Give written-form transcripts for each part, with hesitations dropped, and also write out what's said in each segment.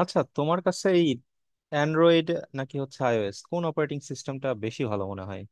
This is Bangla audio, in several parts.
আচ্ছা, তোমার কাছে এই অ্যান্ড্রয়েড নাকি হচ্ছে আইওএস, কোন অপারেটিং সিস্টেমটা বেশি ভালো মনে হয়?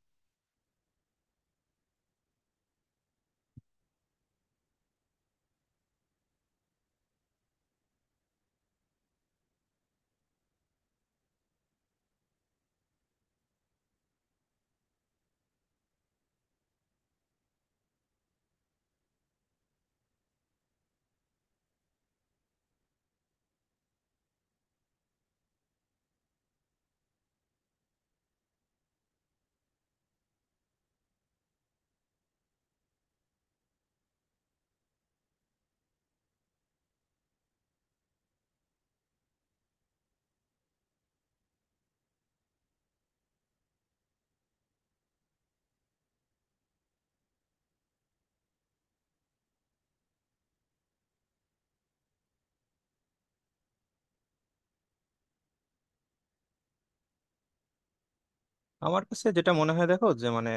আমার কাছে যেটা মনে হয়, দেখো যে মানে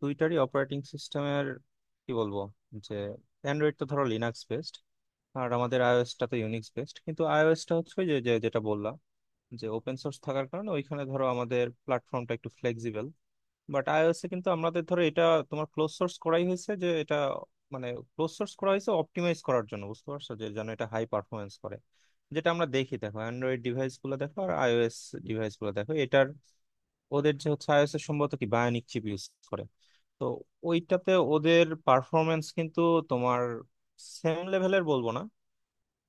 দুইটারই অপারেটিং সিস্টেমের কি বলবো, যে অ্যান্ড্রয়েড তো ধরো লিনাক্স বেসড, আর আমাদের আইওএসটা তো ইউনিক্স বেসড। কিন্তু আইওএসটা হচ্ছে ওই যে যে- যেটা বললাম, যে ওপেন সোর্স থাকার কারণে ওইখানে ধরো আমাদের প্ল্যাটফর্মটা একটু ফ্লেক্সিবল। বাট আইওএসে কিন্তু আমাদের ধরো এটা তোমার ক্লোজ সোর্স করাই হয়েছে যে এটা মানে ক্লোজ সোর্স করা হয়েছে অপটিমাইজ করার জন্য, বুঝতে পারছো, যে যেন এটা হাই পারফরমেন্স করে। যেটা আমরা দেখি, দেখো অ্যান্ড্রয়েড ডিভাইস গুলো দেখো, আর আইওএস ডিভাইস গুলো দেখো, এটার ওদের যে হচ্ছে আইওএস এর সম্ভবত কি বায়োনিক চিপ ইউজ করে, তো ওইটাতে ওদের পারফরমেন্স কিন্তু তোমার সেম লেভেলের বলবো না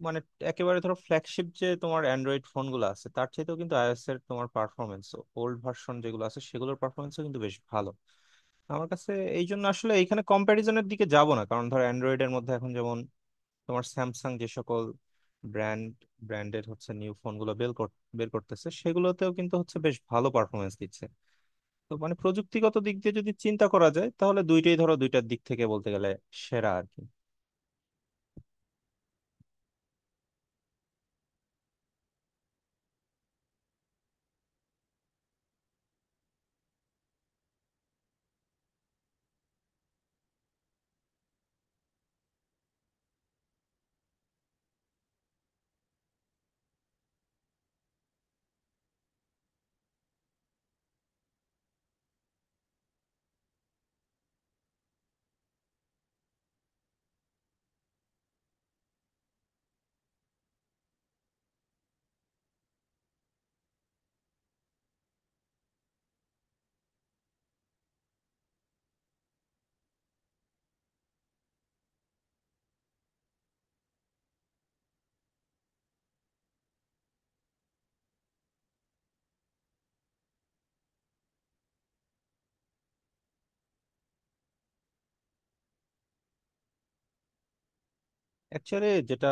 মানে। একেবারে ধরো ফ্ল্যাগশিপ যে তোমার অ্যান্ড্রয়েড ফোন গুলো আছে তার চাইতেও কিন্তু আইওএস এর তোমার পারফরমেন্স, ওল্ড ভার্সন যেগুলো আছে সেগুলোর পারফরমেন্সও কিন্তু বেশ ভালো আমার কাছে। এই জন্য আসলে এইখানে কম্প্যারিজনের দিকে যাব না, কারণ ধর অ্যান্ড্রয়েড এর মধ্যে এখন যেমন তোমার স্যামসাং যে সকল ব্র্যান্ড ব্র্যান্ডের হচ্ছে নিউ ফোন গুলো বের করতেছে, সেগুলোতেও কিন্তু হচ্ছে বেশ ভালো পারফরমেন্স দিচ্ছে। তো মানে প্রযুক্তিগত দিক দিয়ে যদি চিন্তা করা যায়, তাহলে দুইটাই ধরো দুইটার দিক থেকে বলতে গেলে সেরা আর কি। অ্যাকচুয়ালি, যেটা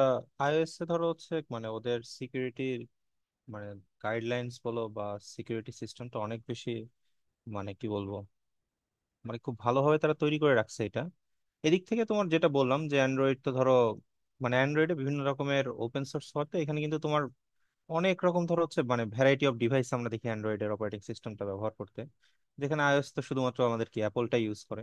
আইওএস এ ধরো হচ্ছে মানে ওদের সিকিউরিটির মানে গাইডলাইন্স বলো বা সিকিউরিটি সিস্টেমটা অনেক বেশি মানে কি বলবো, মানে খুব ভালোভাবে তারা তৈরি করে রাখছে এটা। এদিক থেকে তোমার যেটা বললাম, যে অ্যান্ড্রয়েড তো ধরো মানে অ্যান্ড্রয়েডে বিভিন্ন রকমের ওপেন সোর্স হতে এখানে কিন্তু তোমার অনেক রকম ধর হচ্ছে মানে ভ্যারাইটি অফ ডিভাইস আমরা দেখি অ্যান্ড্রয়েডের অপারেটিং সিস্টেমটা ব্যবহার করতে, যেখানে আইওএস তো শুধুমাত্র আমাদের কি অ্যাপলটা ইউজ করে।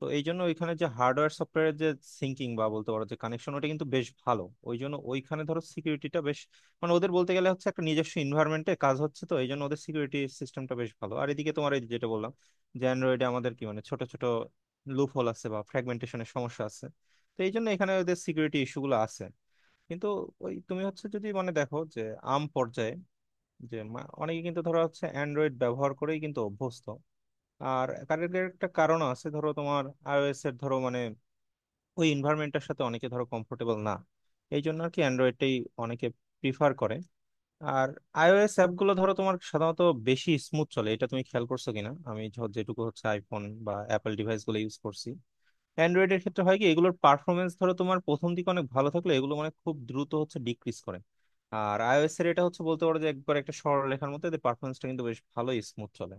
তো এই জন্য ওইখানে যে হার্ডওয়্যার সফটওয়্যারের যে সিঙ্কিং বা বলতে পারো যে কানেকশন, ওটা কিন্তু বেশ ভালো। ওই জন্য ওইখানে ধরো সিকিউরিটিটা বেশ মানে ওদের বলতে গেলে হচ্ছে একটা নিজস্ব এনভায়রনমেন্টে কাজ হচ্ছে, তো এই জন্য ওদের সিকিউরিটি সিস্টেমটা বেশ ভালো। আর এদিকে তোমার এই যেটা বললাম, যে অ্যান্ড্রয়েডে আমাদের কি মানে ছোট ছোট লুপ হোল আছে বা ফ্র্যাগমেন্টেশনের সমস্যা আছে, তো এই জন্য এখানে ওদের সিকিউরিটি ইস্যুগুলো আছে। কিন্তু ওই তুমি হচ্ছে যদি মানে দেখো যে আম পর্যায়ে যে অনেকে কিন্তু ধরো হচ্ছে অ্যান্ড্রয়েড ব্যবহার করেই কিন্তু অভ্যস্ত। আর তার এর একটা কারণ আছে, ধরো তোমার আইওএস এর ধরো মানে ওই এনভায়রনমেন্টটার সাথে অনেকে ধরো কমফোর্টেবল না, এই জন্য আর কি অ্যান্ড্রয়েডটাই অনেকে প্রিফার করে। আর আইওএস অ্যাপগুলো ধরো তোমার সাধারণত বেশি স্মুথ চলে, এটা তুমি খেয়াল করছো কিনা, আমি যেটুকু হচ্ছে আইফোন বা অ্যাপল ডিভাইসগুলো ইউজ করছি। অ্যান্ড্রয়েডের ক্ষেত্রে হয় কি, এগুলোর পারফরমেন্স ধরো তোমার প্রথম দিকে অনেক ভালো থাকলে এগুলো মানে খুব দ্রুত হচ্ছে ডিক্রিজ করে। আর আইওএস এর এটা হচ্ছে, বলতে পারো যে একবার একটা সরল লেখার মধ্যে এদের পারফরমেন্সটা কিন্তু বেশ ভালোই স্মুথ চলে।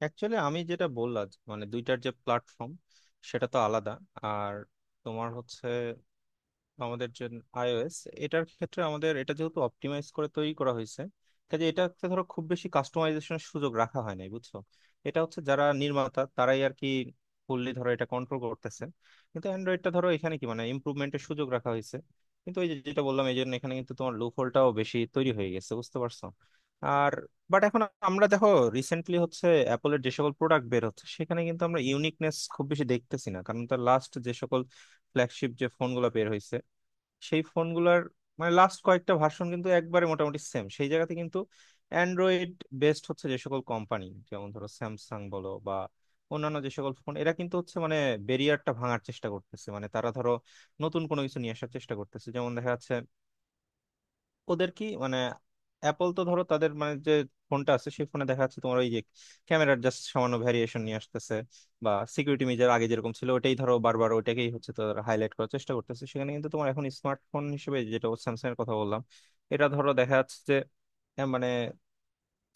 অ্যাকচুয়ালি আমি যেটা বললাম, যে মানে দুইটার যে প্ল্যাটফর্ম সেটা তো আলাদা। আর তোমার হচ্ছে আমাদের যে iOS, এটার ক্ষেত্রে আমাদের এটা যেহেতু অপটিমাইজ করে তৈরি করা হয়েছে, কাজে এটাতে ধরো খুব বেশি কাস্টমাইজেশনের সুযোগ রাখা হয় নাই, বুঝছো। এটা হচ্ছে যারা নির্মাতা তারাই আর কি ফুললি ধরো এটা কন্ট্রোল করতেছে। কিন্তু অ্যান্ড্রয়েডটা ধরো এখানে কি মানে ইমপ্রুভমেন্টের সুযোগ রাখা হয়েছে, কিন্তু এই যে যেটা বললাম, এই জন্য এখানে কিন্তু তোমার লুপ হোলটাও বেশি তৈরি হয়ে গেছে, বুঝতে পারছো। আর বাট এখন আমরা দেখো রিসেন্টলি হচ্ছে অ্যাপলের যে সকল প্রোডাক্ট বের হচ্ছে, সেখানে কিন্তু আমরা ইউনিকনেস খুব বেশি দেখতেছি না, কারণ তার লাস্ট যে সকল ফ্ল্যাগশিপ যে ফোনগুলো বের হয়েছে, সেই ফোনগুলার মানে লাস্ট কয়েকটা ভার্সন কিন্তু একবারে মোটামুটি সেম। সেই জায়গাতে কিন্তু অ্যান্ড্রয়েড বেসড হচ্ছে যে সকল কোম্পানি, যেমন ধরো স্যামসাং বলো বা অন্যান্য যে সকল ফোন, এরা কিন্তু হচ্ছে মানে ব্যারিয়ারটা ভাঙার চেষ্টা করতেছে, মানে তারা ধরো নতুন কোনো কিছু নিয়ে আসার চেষ্টা করতেছে। যেমন দেখা যাচ্ছে ওদের কি মানে অ্যাপল তো ধরো তাদের মানে যে ফোনটা আছে, সেই ফোনে দেখা যাচ্ছে তোমার ওই যে ক্যামেরার জাস্ট সামান্য ভ্যারিয়েশন নিয়ে আসতেছে, বা সিকিউরিটি মেজার আগে যেরকম ছিল ওটাই ধরো বারবার ওইটাকেই হচ্ছে তারা হাইলাইট করার চেষ্টা করতেছে। সেখানে কিন্তু তোমার এখন স্মার্টফোন হিসেবে যেটা স্যামসাং এর কথা বললাম, এটা ধরো দেখা যাচ্ছে যে হ্যাঁ, মানে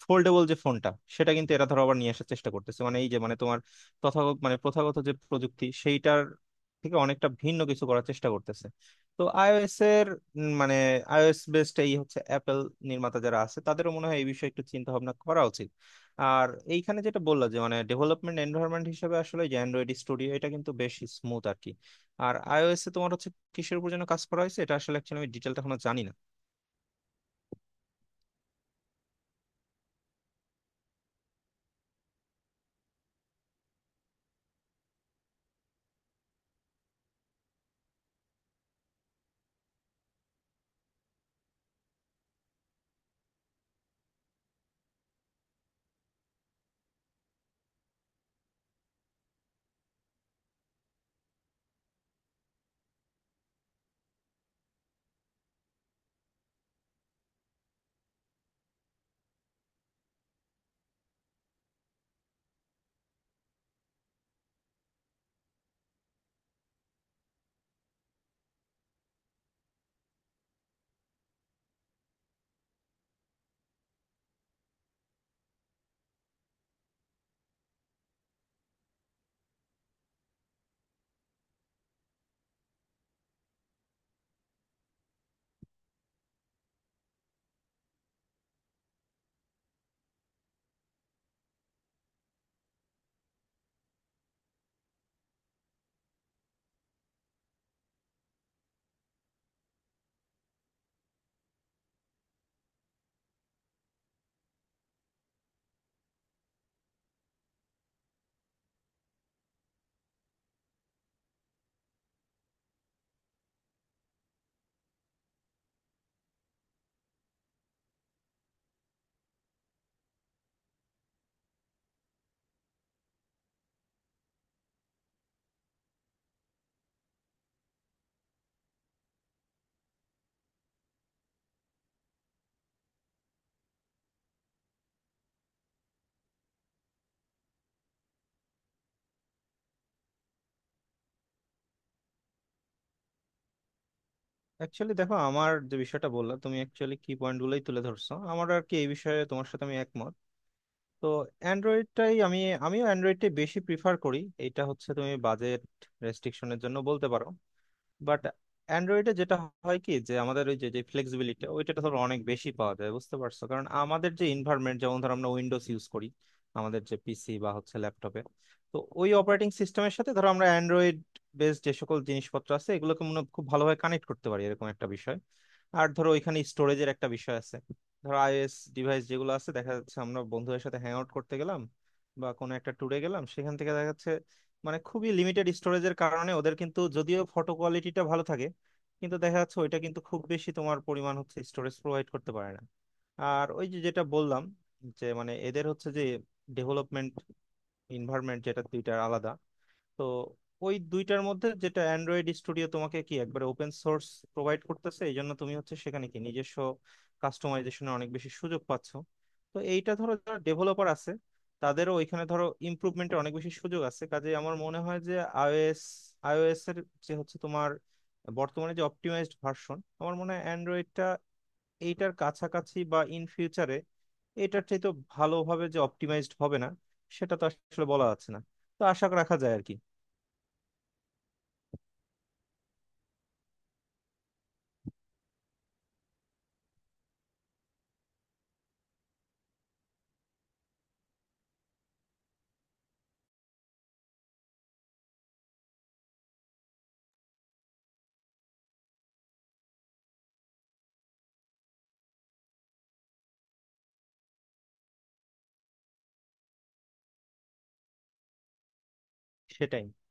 ফোল্ডেবল যে ফোনটা, সেটা কিন্তু এরা ধরো আবার নিয়ে আসার চেষ্টা করতেছে, মানে এই যে মানে তোমার তথাগত মানে প্রথাগত যে প্রযুক্তি সেইটার থেকে অনেকটা ভিন্ন কিছু করার চেষ্টা করতেছে। তো আইওএস এর মানে আইওএস বেসড এই হচ্ছে অ্যাপেল নির্মাতা যারা আছে, তাদেরও মনে হয় এই বিষয়ে একটু চিন্তা ভাবনা করা উচিত। আর এইখানে যেটা বললা, যে মানে ডেভেলপমেন্ট এনভায়রনমেন্ট হিসেবে আসলে যে অ্যান্ড্রয়েড স্টুডিও, এটা কিন্তু বেশ স্মুথ আর কি। আর আইওএস এ তোমার হচ্ছে কিসের উপর যেন কাজ করা হয়েছে, এটা আসলে অ্যাকচুয়ালি আমি ডিটেলটা এখনো জানি না। অ্যাকচুয়ালি দেখো, আমার যে বিষয়টা বললাম, তুমি অ্যাকচুয়ালি কি পয়েন্ট গুলোই তুলে ধরছো আমার আর কি, এই বিষয়ে তোমার সাথে আমি একমত। তো অ্যান্ড্রয়েডটাই আমি আমিও অ্যান্ড্রয়েডটাই বেশি প্রিফার করি। এটা হচ্ছে তুমি বাজেট রেস্ট্রিকশনের জন্য বলতে পারো। বাট অ্যান্ড্রয়েডে যেটা হয় কি, যে আমাদের ওই যে যে ফ্লেক্সিবিলিটি ওইটা ধরো অনেক বেশি পাওয়া যায়, বুঝতে পারছো, কারণ আমাদের যে এনভায়রনমেন্ট যেমন ধরো আমরা উইন্ডোজ ইউজ করি আমাদের যে পিসি বা হচ্ছে ল্যাপটপে, তো ওই অপারেটিং সিস্টেমের সাথে ধরো আমরা অ্যান্ড্রয়েড বেস যে সকল জিনিসপত্র আছে এগুলোকে মনে হয় খুব ভালোভাবে কানেক্ট করতে পারি, এরকম একটা বিষয়। আর ধরো ওইখানে স্টোরেজের একটা বিষয় আছে, ধরো আইওএস ডিভাইস যেগুলো আছে দেখা যাচ্ছে আমরা বন্ধুদের সাথে হ্যাং আউট করতে গেলাম বা কোনো একটা ট্যুরে গেলাম, সেখান থেকে দেখা যাচ্ছে মানে খুবই লিমিটেড স্টোরেজের কারণে ওদের কিন্তু যদিও ফটো কোয়ালিটিটা ভালো থাকে, কিন্তু দেখা যাচ্ছে ওইটা কিন্তু খুব বেশি তোমার পরিমাণ হচ্ছে স্টোরেজ প্রোভাইড করতে পারে না। আর ওই যে যেটা বললাম, যে মানে এদের হচ্ছে যে ডেভেলপমেন্ট এনভায়রনমেন্ট যেটা দুইটা আলাদা, তো ওই দুইটার মধ্যে যেটা অ্যান্ড্রয়েড স্টুডিও তোমাকে কি একবারে ওপেন সোর্স প্রোভাইড করতেছে, এই জন্য তুমি হচ্ছে সেখানে কি নিজস্ব কাস্টমাইজেশনের অনেক বেশি সুযোগ পাচ্ছ। তো এইটা ধরো যারা ডেভেলপার আছে, তাদেরও ওইখানে ধরো ইমপ্রুভমেন্টের অনেক বেশি সুযোগ আছে। কাজে আমার মনে হয় যে আইওএস আইওএস এর যে হচ্ছে তোমার বর্তমানে যে অপটিমাইজড ভার্সন, আমার মনে হয় অ্যান্ড্রয়েডটা এইটার কাছাকাছি বা ইন ফিউচারে এটার চাইতে ভালোভাবে যে অপটিমাইজড হবে না সেটা তো আসলে বলা যাচ্ছে না। তো আশা রাখা যায় আর কি। সেটাই।